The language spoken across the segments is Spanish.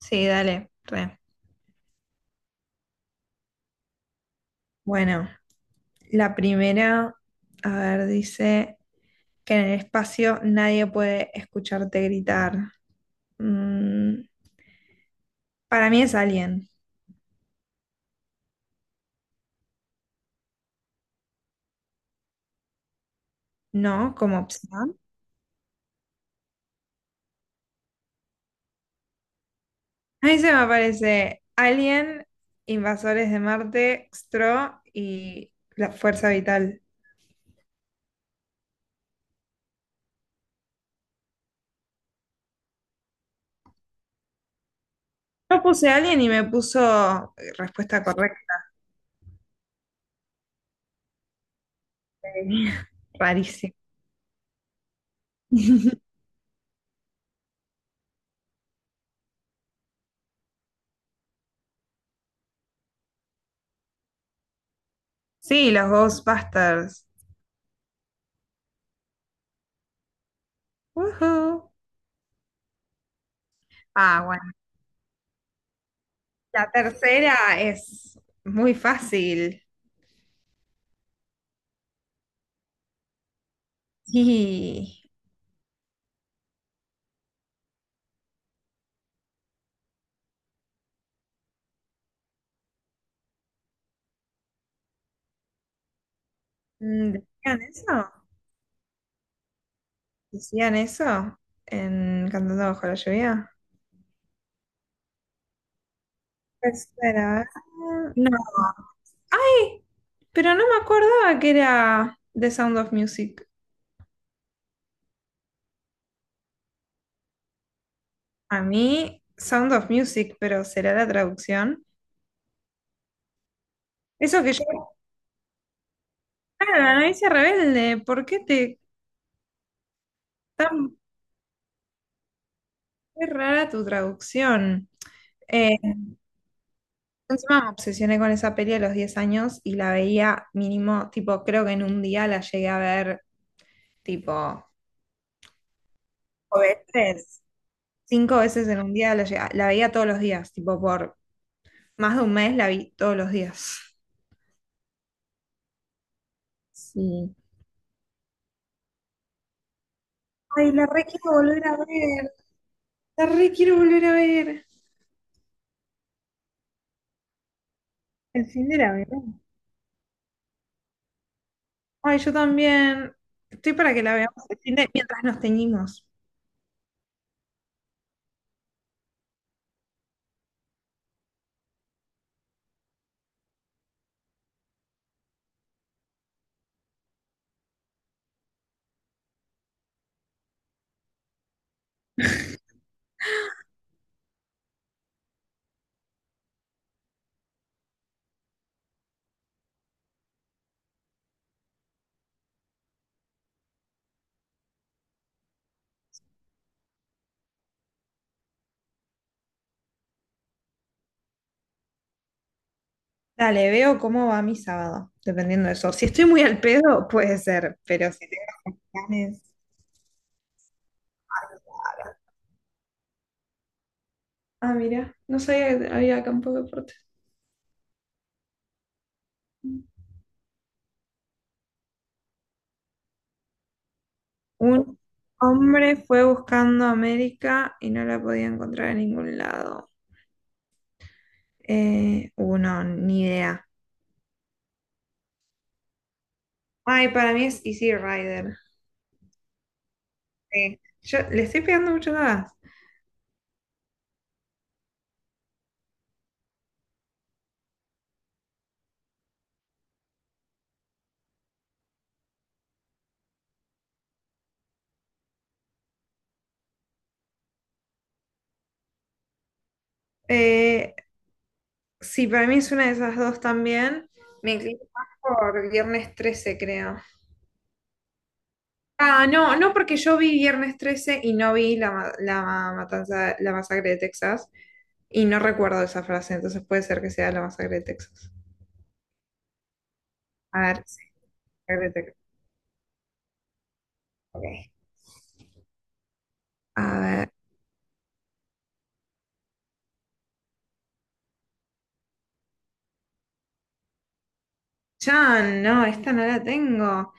Sí, dale, re. Bueno, la primera, a ver, dice que en el espacio nadie puede escucharte gritar. Mm, para mí es Alien, ¿no? Como opción. Ahí se me aparece Alien, Invasores de Marte, Xtro y la Fuerza Vital. Yo puse Alien y me puso respuesta correcta. Sí. Rarísimo. Sí, los Ghostbusters. Ujú. Ah, bueno. La tercera es muy fácil. Sí. ¿Decían eso? ¿Decían eso? En Cantando bajo la lluvia. Tercera. ¿Eh? No. ¡Ay! Pero no me acordaba que era The Sound of Music. A mí, Sound of Music, pero será la traducción. Eso que yo. Claro, la novicia rebelde. ¿Por qué te tan qué rara tu traducción? Eh, Encima me obsesioné con esa peli a los 10 años y la veía mínimo, tipo, creo que en un día la llegué a ver, tipo, o veces, cinco veces en un día la veía todos los días, tipo, por más de un mes la vi todos los días. Sí. Ay, la re quiero volver a ver, la re quiero volver a ver. El fin de la veré. Ay, yo también. Estoy para que la veamos mientras nos teñimos. Dale, veo cómo va mi sábado, dependiendo de eso. Si estoy muy al pedo, puede ser, pero si tengo planes. Ah, mira, no sabía que había campo de deportes. Un hombre fue buscando América y no la podía encontrar en ningún lado. Uno, ni idea. Ay, para mí es Easy Rider. Sí. Yo le estoy pegando mucho más. Eh, sí, para mí es una de esas dos también. Me inclino más por Viernes 13, creo. Ah, no, no, porque yo vi Viernes 13 y no vi la matanza, la masacre de Texas y no recuerdo esa frase, entonces puede ser que sea la masacre de Texas. A ver, sí, masacre de Texas. Ok. A ver, ya no, esta no la tengo.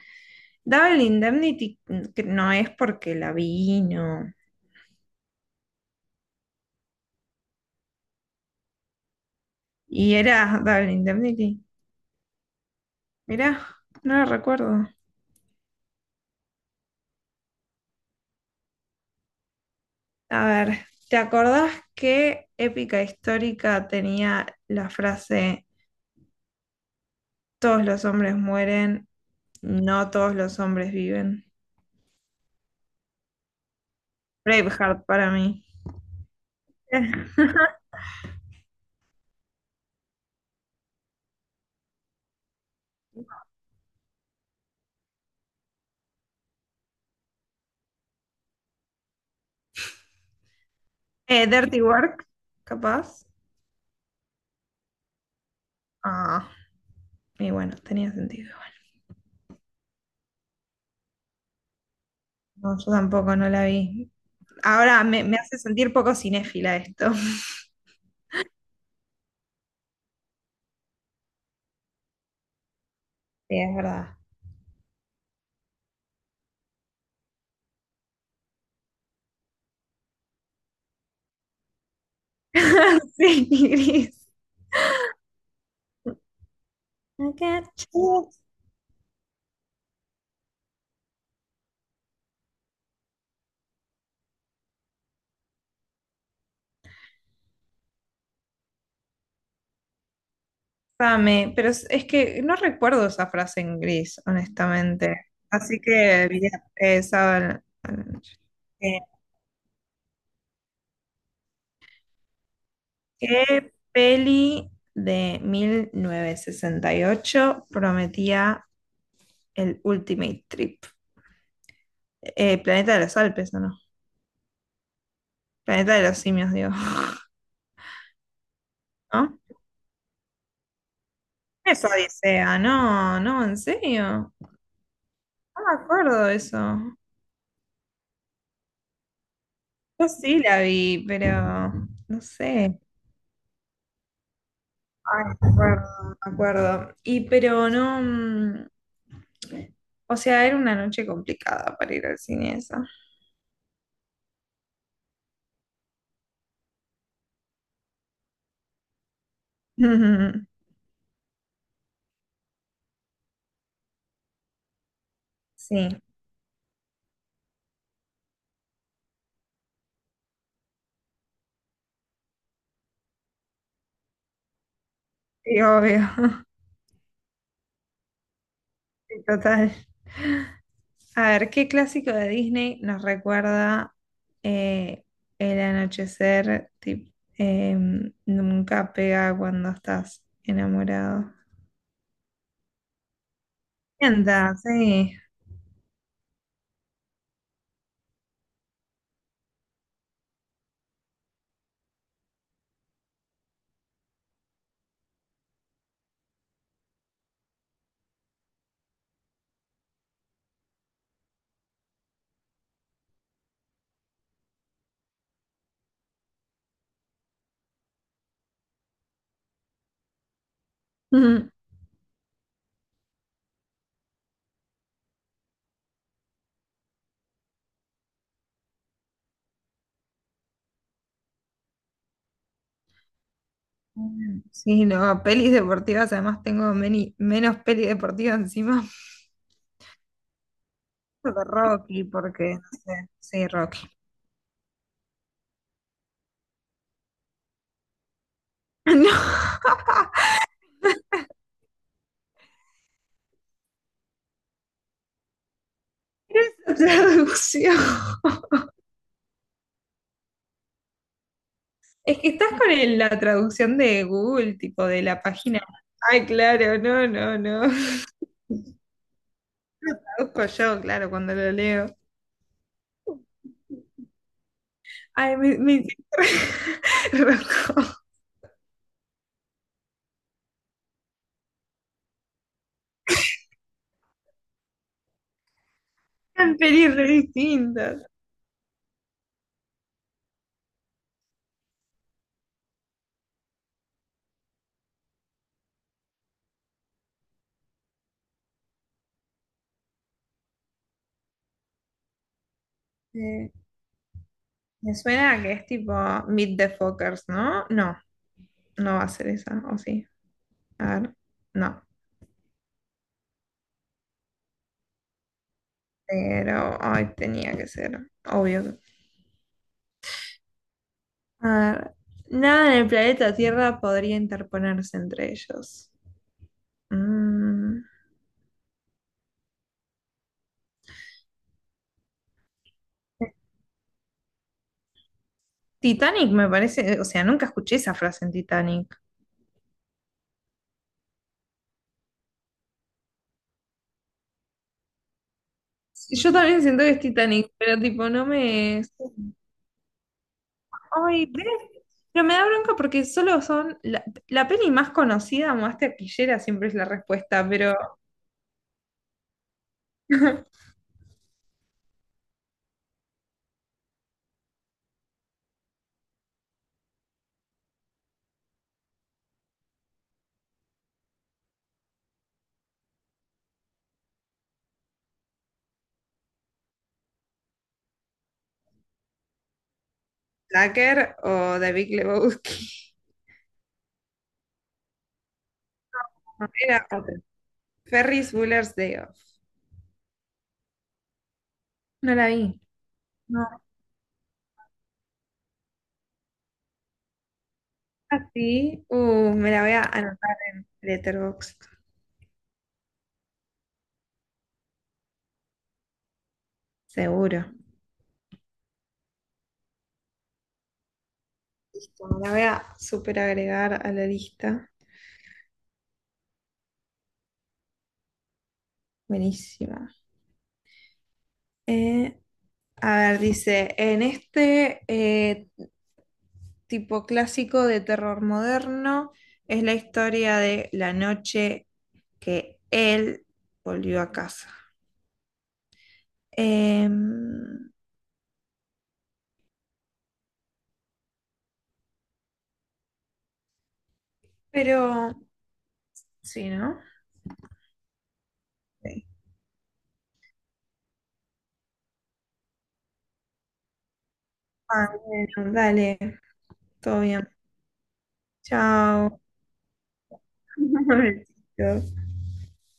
Double Indemnity, que no es porque la vi, no. Y era Double Indemnity. Mirá, no la recuerdo. A ver, ¿te acordás que Épica Histórica tenía la frase todos los hombres mueren? No todos los hombres viven. Braveheart para mí. Dirty Work, capaz. Ah, y bueno, tenía sentido. No, yo tampoco no la vi. Ahora me hace sentir poco cinéfila esto. Sí, es verdad. Sí, gris. I got you. Dame, pero es que no recuerdo esa frase en gris, honestamente. Así que, bien, saben, eh, ¿qué peli de 1968 prometía el Ultimate Trip? Planeta de los Alpes, ¿o no? Planeta de los simios, digo. ¿No? Es Odisea, no, no, en serio. No me acuerdo de eso. Yo sí la vi, pero no sé. Ay, me acuerdo, me acuerdo. Y pero no. O sea, era una noche complicada para ir al cine esa. Sí, sí, obvio. Sí, total. A ver, ¿qué clásico de Disney nos recuerda eh, el anochecer? Nunca pega cuando estás enamorado. Sienta, sí. Ujú. Sí, no, pelis deportivas, además tengo menos pelis deportivas encima de Rocky, porque, no sé, sí, Rocky. No, traducción. Es que estás con la traducción de Google, tipo de la página. Ay, claro, no, no, no. Traduzco yo, claro, cuando lo leo. Ay, me rojo. Tan pelis re distintas. Eh, Me suena a que es tipo Meet the Fockers, ¿no? No, no va a ser esa, ¿o sí? A ver, no. Pero, ay, tenía que ser, obvio. A ver, nada en el planeta Tierra podría interponerse entre ellos. Mm. Titanic me parece, o sea, nunca escuché esa frase en Titanic. Yo también siento que es Titanic, pero tipo, no me... Ay, ¿ves? Pero me da bronca porque solo son... La peli más conocida, más taquillera, siempre es la respuesta, pero Tucker o The Big Lebowski. No, era otra. Ferris Bueller's Day Off. No la vi. No, así. Me la voy a anotar en Letterboxd, seguro. Listo, me la voy a super agregar a la lista. Buenísima. Eh, a ver, dice, en este tipo clásico de terror moderno es la historia de la noche que él volvió a casa. Em, pero, sí, ¿no? Sí. Ah, bueno, dale, todo bien. Chao. Besitos.